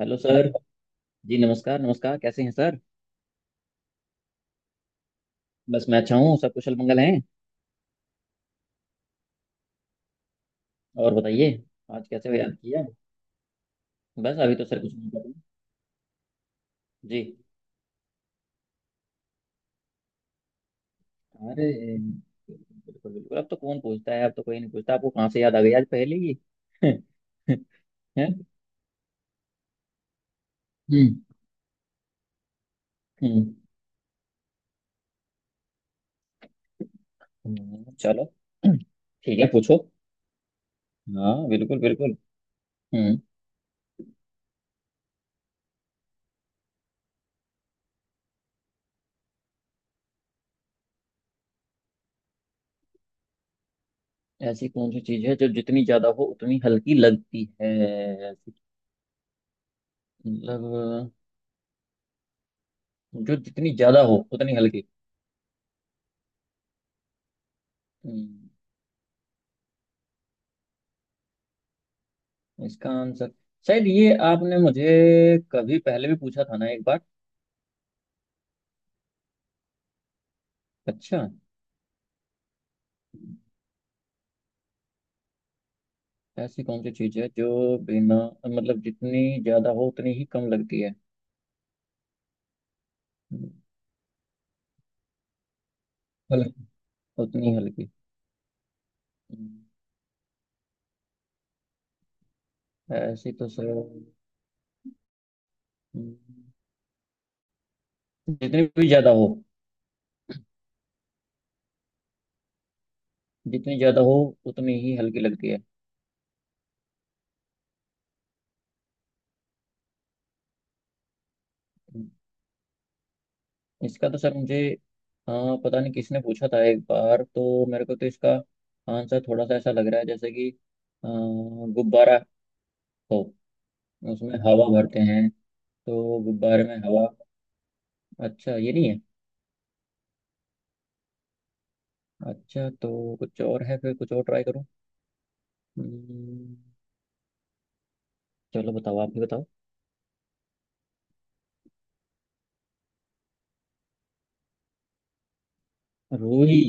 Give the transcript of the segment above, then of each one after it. Hello sir. Ji, नमस्कार नमस्कार, कैसे हैं सर? बस मैं अच्छा हूँ, सब कुशल मंगल हैं। और बताइए, आज कैसे याद किया? बस अभी तो सर कुछ नहीं कर रहे। जी। अरे बिल्कुल बिल्कुल, अब तो कौन पूछता है, अब तो कोई नहीं पूछता। आपको कहाँ से याद आ गई आज पहले ही? हैं? हम्म। हम्म, चलो, ठीक है, पूछो। हाँ बिल्कुल बिल्कुल। हम्म। ऐसी कौन सी चीज़ है जो जितनी ज्यादा हो उतनी हल्की लगती है? मतलब, जो जितनी ज्यादा हो उतनी हल्की। हम्म, इसका आंसर शायद ये आपने मुझे कभी पहले भी पूछा था ना एक बार। अच्छा। ऐसी कौन सी चीज है जो बिना मतलब जितनी ज्यादा हो उतनी ही कम लगती है? हल- उतनी हल्की। हम्म, ऐसी तो सर, जितनी भी ज्यादा हो, जितनी ज्यादा हो उतनी ही हल्की लगती है। हम्म, इसका तो सर मुझे, हाँ पता नहीं किसने पूछा था एक बार, तो मेरे को तो इसका आंसर थोड़ा सा ऐसा लग रहा है जैसे कि अ, गुब्बारा हो, उसमें हवा भरते हैं, तो गुब्बारे में हवा। अच्छा ये नहीं है? अच्छा, तो कुछ और है, फिर कुछ और ट्राई करूँ? हम्म, चलो बताओ, आप भी बताओ। रूई।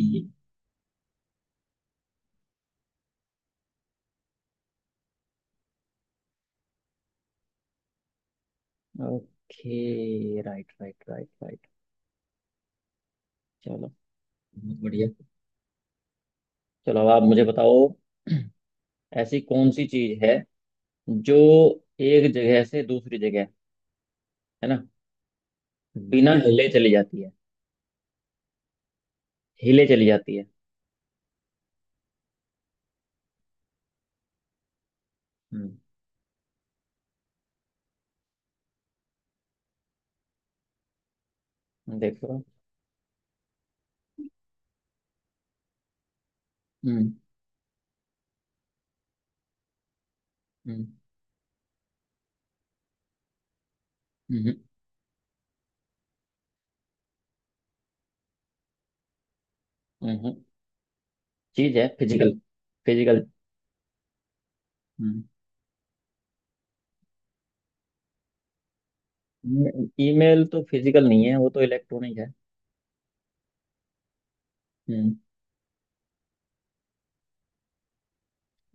Okay, right right right right. चलो, बहुत बढ़िया। चलो, अब आप मुझे बताओ, ऐसी कौन सी चीज है जो एक जगह से दूसरी जगह, है ना, बिना हिले चली जाती है? हिले चली जाती है। हम्म। देखो। हम्म। हम्म। हम्म। हम्म। हम्म। चीज है फिजिकल। फिजिकल। हम्म ईमेल तो फिजिकल नहीं है, वो तो इलेक्ट्रॉनिक है। हम्म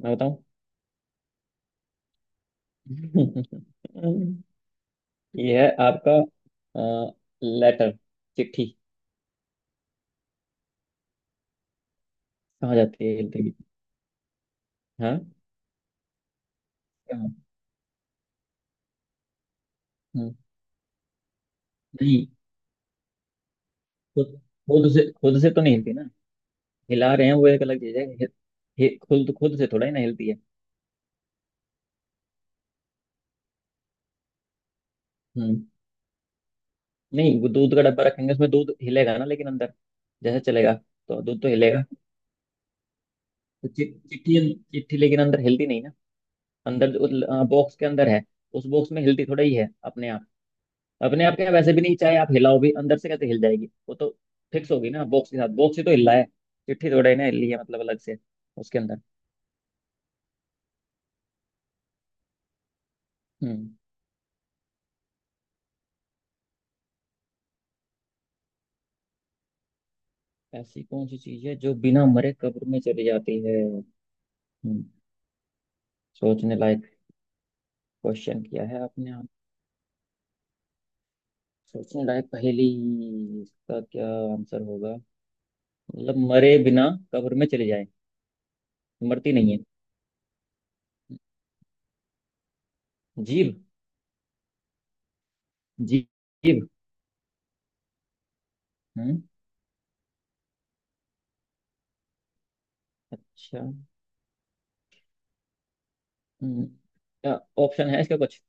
मैं बताऊं। ये है आपका लेटर। चिट्ठी। कहाँ जाती है हिलती हुई? हाँ। क्या? हम्म, नहीं, खुद खुद से तो नहीं हिलती ना। हिला रहे हैं वो एक अलग चीज है। खुद खुद से थोड़ा ही ना हिलती है। हम्म। नहीं, वो दूध का डब्बा रखेंगे, उसमें दूध हिलेगा ना, लेकिन अंदर। जैसे चलेगा तो दूध तो हिलेगा। तो चिट्ठी। चिट्ठी लेकिन अंदर हिलती नहीं ना। अंदर, बॉक्स के अंदर है। उस बॉक्स में हिलती थोड़ा ही है अपने आप। अपने आप क्या, वैसे भी नहीं, चाहे आप हिलाओ भी अंदर से कैसे हिल जाएगी वो तो। फिक्स होगी ना बॉक्स के साथ, बॉक्स ही तो हिल रहा है। चिट्ठी थोड़ा ही ना हिल रही है, मतलब अलग से, उसके अंदर। हम्म। ऐसी कौन सी चीज है जो बिना मरे कब्र में चली जाती है? सोचने लायक क्वेश्चन किया है आपने, आप। सोचने लायक पहेली। इसका क्या आंसर होगा? मतलब, मरे बिना कब्र में चले जाए, मरती नहीं है। जीव। जीव। जीव। हम्म। अच्छा। हम्म, क्या ऑप्शन है इसका कुछ?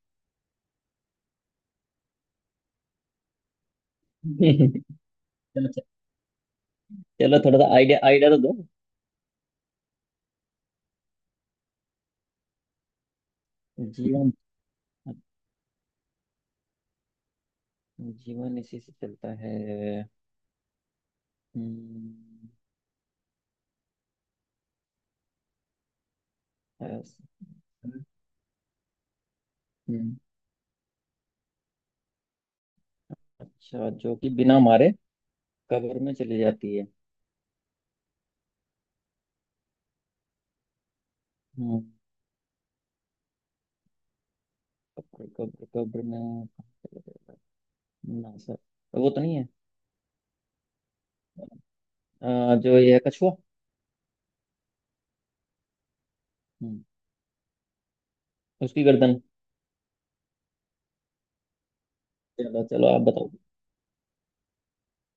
चलो। च- चलो, थोड़ा सा आइडिया आइडिया तो दो। जीवन, जीवन इसी से चलता है। हम्म, ऐस- हम्म, अच्छा, जो कि बिना मारे कब्र में चली जाती है। हम्म, कब्र कब्र कब्र में कहाँ चले जाता है, ना सर? वो तो नहीं है। जो ये है कछुआ। हम्म, उसकी गर्दन। चलो चलो, आप बताओ।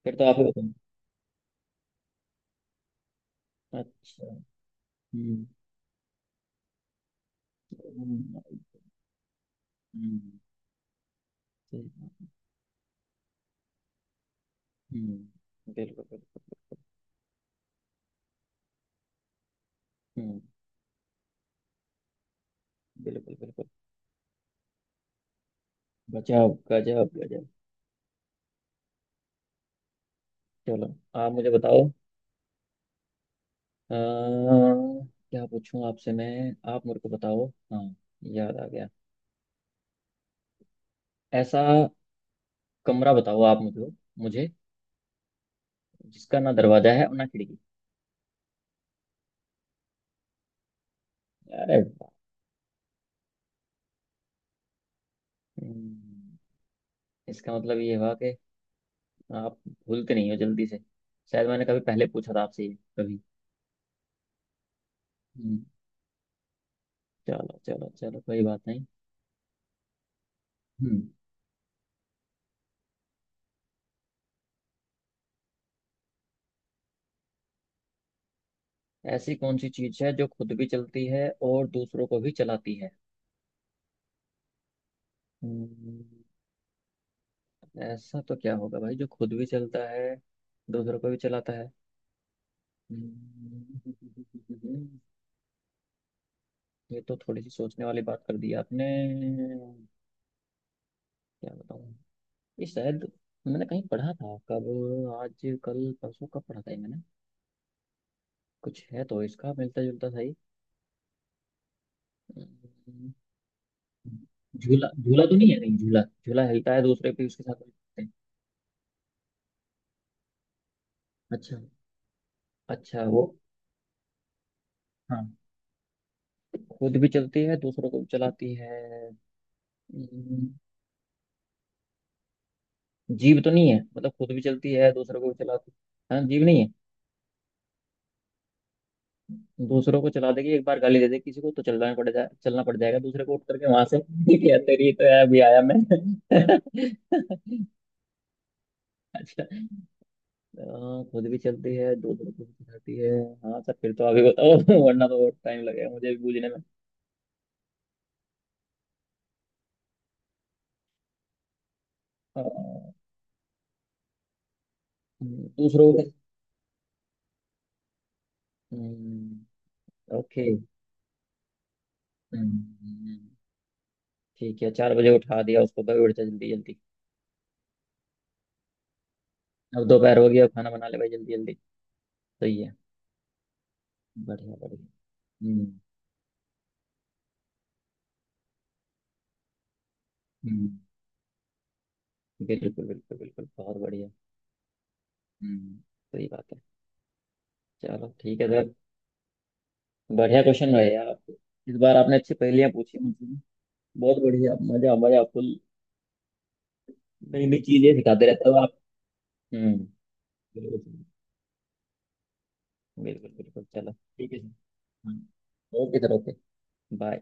फिर तो आप ही बताओ। अच्छा। हम्म। हम्म। हम्म। बिल्कुल बिल्कुल। हम्म बिल्कुल बिल्कुल। गजब गजब गजब। चलो, आप मुझे बताओ। अ, क्या पूछूं आपसे मैं? आप मेरे को बताओ। हाँ, याद आ गया। ऐसा कमरा बताओ आप मुझे, मुझे जिसका ना दरवाजा है और ना खिड़की। अरे वाह। हम्म, इसका मतलब ये हुआ कि आप भूलते नहीं हो जल्दी से। शायद मैंने कभी पहले पूछा था आपसे ये कभी। हम्म, चलो चलो चलो, कोई बात नहीं। हम्म। ऐसी कौन सी चीज है जो खुद भी चलती है और दूसरों को भी चलाती है? हम्म, ऐसा तो क्या होगा भाई, जो खुद भी चलता है, दूसरों को भी चलाता है। हम्म, ये तो थोड़ी सी सोचने वाली बात कर दी आपने। क्या बताऊं? ये शायद मैंने कहीं पढ़ा था, कब, आज कल परसों, कब पढ़ा था ये मैंने? कुछ है तो इसका मिलता जुलता था ही। हम्म, झूला, झूला तो नहीं है, नहीं झूला, झूला हिलता है, दूसरे पे उसके साथ हिलते हैं। अच्छा। अच्छा वो, हाँ, खुद भी चलती है दूसरों को भी चलाती है। हम्म, जीभ तो नहीं है, मतलब खुद भी चलती है दूसरों को भी चलाती है? हाँ, जीभ नहीं है। दूसरों को चला देगी, एक बार गाली दे दे किसी को तो चलना पड़ जाए, चलना पड़ जाएगा दूसरे को, उठ करके वहां से। क्या तेरी तो है, अभी आया मैं। अच्छा। हाँ, खुद भी चलती है दूसरों को भी चलाती है। हाँ सर, फिर तो अभी बताओ। वरना तो टाइम लगेगा मुझे भी बूझने में। हाँ। दूसरों को। ओके, ठीक है। 4 बजे उठा दिया उसको, भाई उठ जा जल्दी जल्दी। अब दोपहर हो गया, खाना बना ले भाई जल्दी जल्दी। सही है। बढ़िया बढ़िया। हम्म। हम्म बिल्कुल बिल्कुल बिल्कुल, बहुत बढ़िया। हम्म। सही बात है। चलो ठीक है सर। बढ़िया क्वेश्चन रहे यार आपके। इस बार आपने अच्छी पहेलियां पूछी मुझसे। बहुत बढ़िया, मजा मजा फुल। नई नई चीजें सिखाते रहते हो आप। हम्म। बिल्कुल। बिल्कुल बिल्कुल, चलो ठीक है सर। हाँ, ओके सर, ओके। बाय।